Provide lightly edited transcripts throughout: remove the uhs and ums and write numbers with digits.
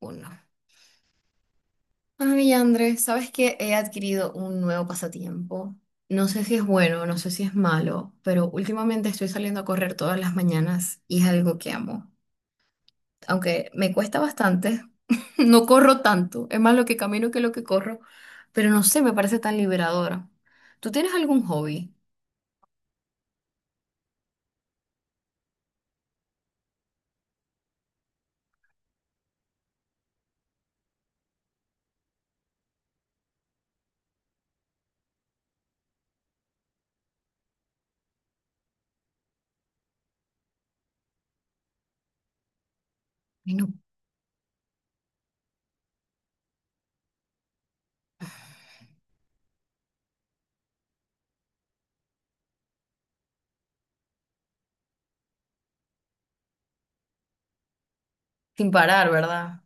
Uno. Ay, Andrés, sabes que he adquirido un nuevo pasatiempo. No sé si es bueno, no sé si es malo, pero últimamente estoy saliendo a correr todas las mañanas y es algo que amo. Aunque me cuesta bastante, no corro tanto, es más lo que camino que lo que corro, pero no sé, me parece tan liberadora. ¿Tú tienes algún hobby? Ay, no, sin parar, ¿verdad?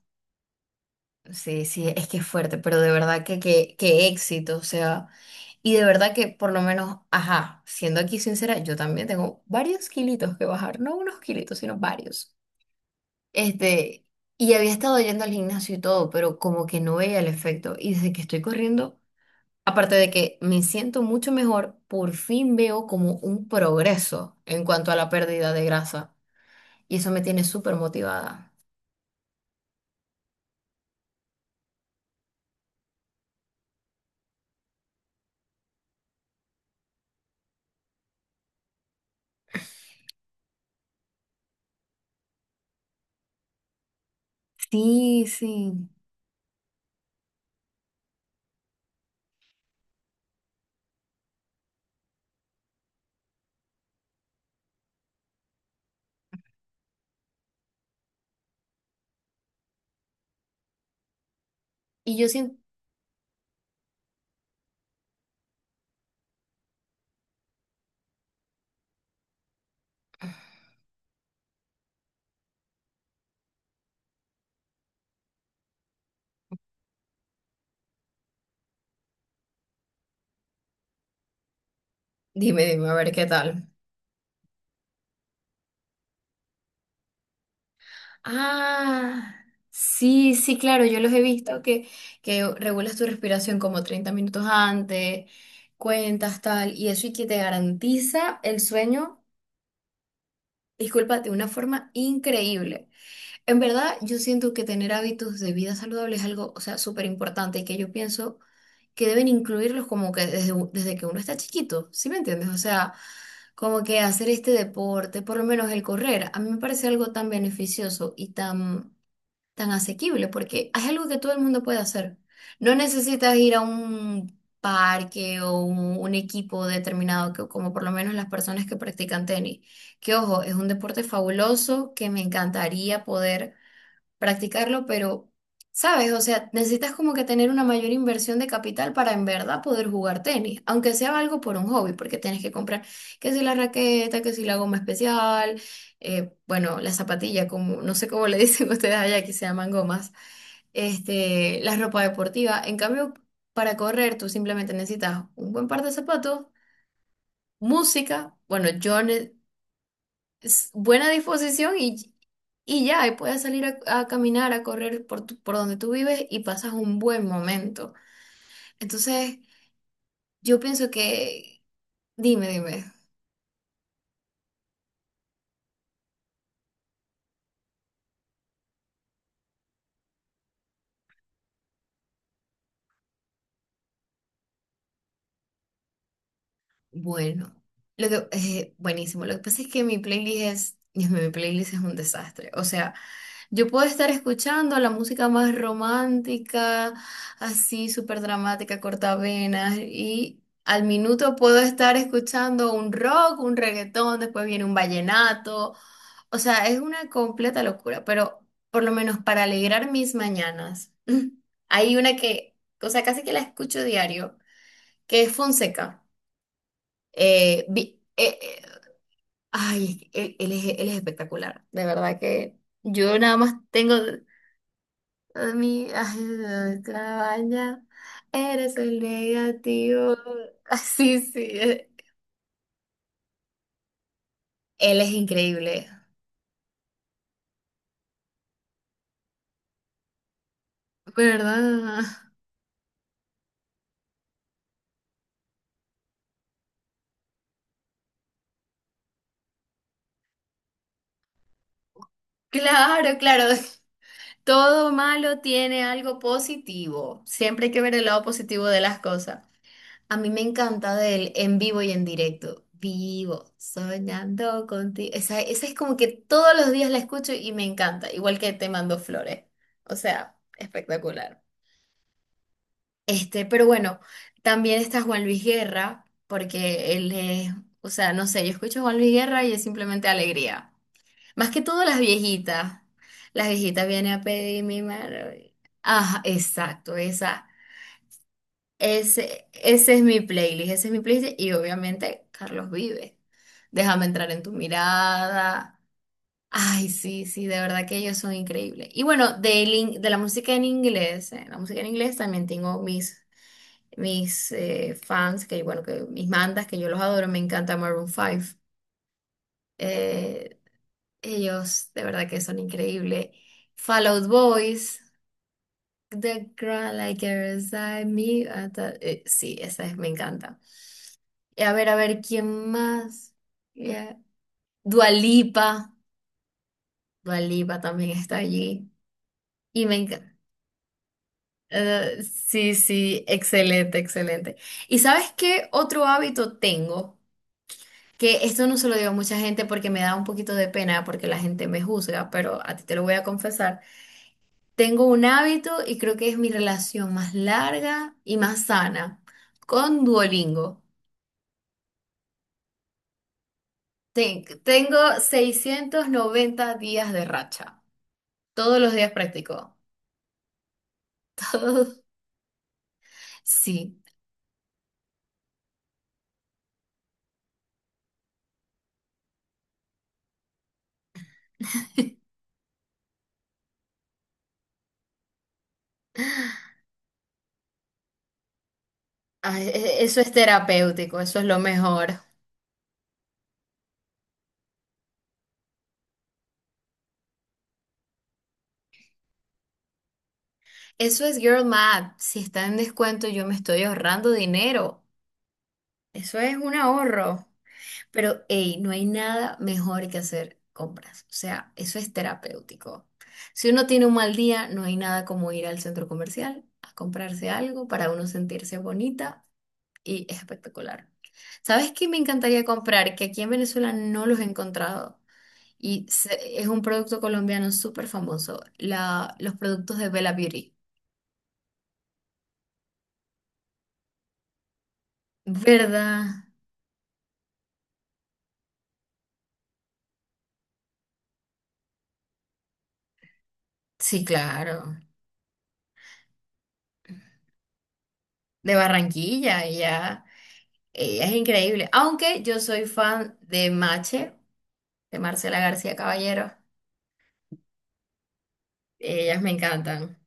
Sí, sí, es que es fuerte, pero de verdad que éxito, o sea, y de verdad que por lo menos, ajá, siendo aquí sincera, yo también tengo varios kilitos que bajar, no unos kilitos, sino varios. Este, y había estado yendo al gimnasio y todo, pero como que no veía el efecto, y desde que estoy corriendo, aparte de que me siento mucho mejor, por fin veo como un progreso en cuanto a la pérdida de grasa, y eso me tiene súper motivada. Sí, sí. Y yo siento, dime, dime, a ver qué tal. Ah, sí, sí, claro, yo los he que regulas tu respiración como 30 minutos antes, cuentas tal, y eso y que te garantiza el sueño, disculpa, de una forma increíble. En verdad, yo siento que tener hábitos de vida saludable es algo, o sea, súper importante y que yo pienso que deben incluirlos como que desde que uno está chiquito, ¿sí me entiendes? O sea, como que hacer este deporte, por lo menos el correr, a mí me parece algo tan beneficioso y tan asequible, porque es algo que todo el mundo puede hacer. No necesitas ir a un parque o un equipo determinado, que, como por lo menos las personas que practican tenis, que ojo, es un deporte fabuloso que me encantaría poder practicarlo, pero, ¿sabes? O sea, necesitas como que tener una mayor inversión de capital para en verdad poder jugar tenis, aunque sea algo por un hobby, porque tienes que comprar que si la raqueta, que si la goma especial, bueno, la zapatilla, como no sé cómo le dicen ustedes allá, que se llaman gomas, la ropa deportiva. En cambio, para correr, tú simplemente necesitas un buen par de zapatos, música, bueno, buena disposición y ya, y puedes salir a caminar, a correr por donde tú vives y pasas un buen momento. Entonces, yo pienso que, dime, dime, bueno, buenísimo. Lo que pasa es que mi playlist es, Dios mío, mi playlist es un desastre. O sea, yo puedo estar escuchando la música más romántica, así súper dramática, cortavenas, y al minuto puedo estar escuchando un rock, un reggaetón, después viene un vallenato. O sea, es una completa locura, pero por lo menos para alegrar mis mañanas, hay una que, o sea, casi que la escucho diario, que es Fonseca. Eh, vi- eh, eh, ay, él es espectacular, de verdad que yo nada más tengo. Mi, ay, Clavalla, eres el negativo. Ah, sí, él es increíble, ¿verdad? Claro, claro. Todo malo tiene algo positivo. Siempre hay que ver el lado positivo de las cosas. A mí me encanta de él en vivo y en directo. Vivo, soñando contigo. Esa es como que todos los días la escucho y me encanta, igual que Te mando flores. O sea, espectacular. Pero bueno, también está Juan Luis Guerra, porque él es, o sea, no sé, yo escucho a Juan Luis Guerra y es simplemente alegría. Más que todo las viejitas. Las viejitas vienen a pedir mi mano. Ah, exacto, esa. Ese es mi playlist, ese es mi playlist. Y obviamente Carlos Vive. Déjame entrar en tu mirada. Ay, sí, sí, de verdad que ellos son increíbles. Y bueno, la música en inglés, la música en inglés también tengo mis fans, que bueno, que mis mandas que yo los adoro, me encanta Maroon 5. Eh, ellos de verdad que son increíbles. Fall Out Boys, The Girl Like Inside Me, sí, esa es, me encanta. Y a ver, ¿quién más? Yeah. Dua Lipa, Dua Lipa también está allí. Y me encanta. Sí, sí, excelente, excelente. ¿Y sabes qué otro hábito tengo? Que esto no se lo digo a mucha gente porque me da un poquito de pena porque la gente me juzga, pero a ti te lo voy a confesar. Tengo un hábito y creo que es mi relación más larga y más sana con Duolingo. Tengo 690 días de racha. Todos los días practico. Todos, sí. Ay, eso es terapéutico, eso es lo mejor. Eso es Girl Math. Si está en descuento, yo me estoy ahorrando dinero. Eso es un ahorro. Pero, hey, no hay nada mejor que hacer compras. O sea, eso es terapéutico. Si uno tiene un mal día, no hay nada como ir al centro comercial a comprarse algo para uno sentirse bonita y espectacular. ¿Sabes qué me encantaría comprar? Que aquí en Venezuela no los he encontrado. Y es un producto colombiano súper famoso, la, los productos de Bella Beauty. ¿Verdad? Sí, claro. De Barranquilla, ya. Ella es increíble. Aunque yo soy fan de Mache, de Marcela García Caballero. Ellas me encantan.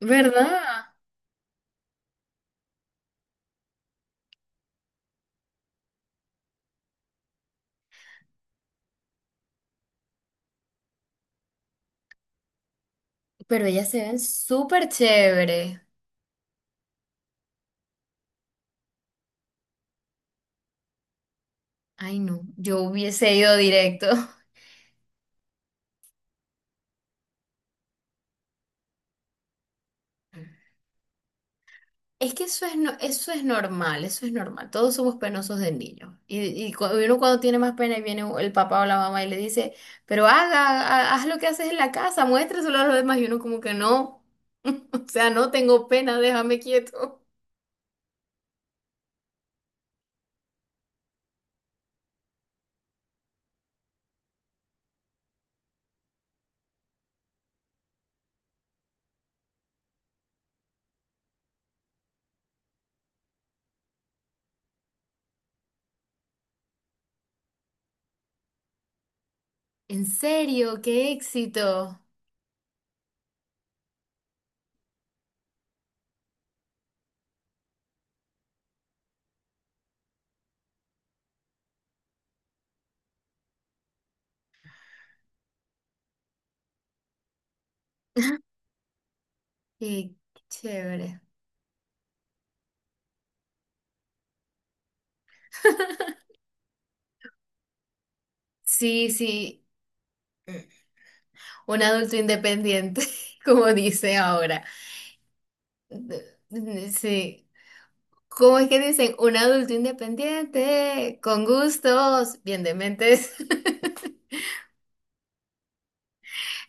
¿Verdad? Pero ellas se ven súper chévere. Ay, no, yo hubiese ido directo. Es que eso es, no, eso es normal, eso es normal. Todos somos penosos de niño. Y, uno cuando tiene más pena y viene el papá o la mamá y le dice, pero haz lo que haces en la casa, muéstraselo a los demás. Y uno como que no. O sea, no tengo pena, déjame quieto. ¿En serio? ¡Qué éxito! ¡Qué chévere! Sí, sí, un adulto independiente, como dice ahora. Eh, Sí. ¿Cómo es que dicen? Un adulto independiente, con gustos, bien de mentes.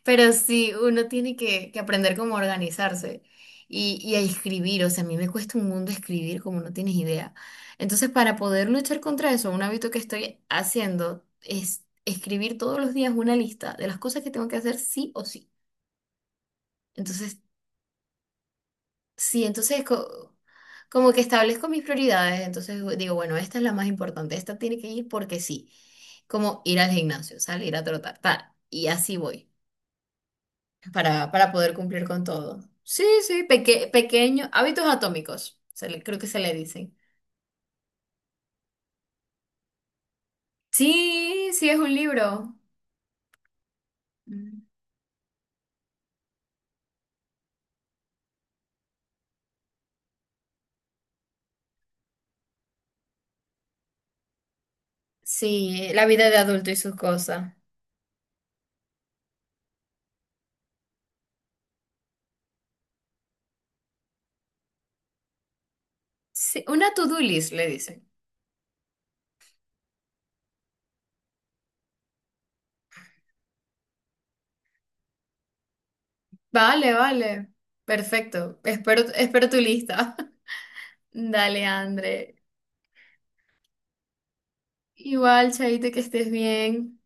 Pero sí, uno tiene que aprender cómo organizarse y a escribir. O sea, a mí me cuesta un mundo escribir como no tienes idea. Entonces, para poder luchar contra eso, un hábito que estoy haciendo es escribir todos los días una lista de las cosas que tengo que hacer sí o sí. Entonces, sí, como que establezco mis prioridades. Entonces digo, bueno, esta es la más importante, esta tiene que ir porque sí. Como ir al gimnasio, salir a trotar, tal. Y así voy. Para poder cumplir con todo. Sí, sí, pequeño, hábitos atómicos, creo que se le dicen. Sí, sí, es un libro. Mm. Sí, la vida de adulto y sus cosas. Sí, una to-do list, le dicen. Vale, vale, perfecto. Espero, espero tu lista. Dale, André. Igual, Chaito, que estés bien.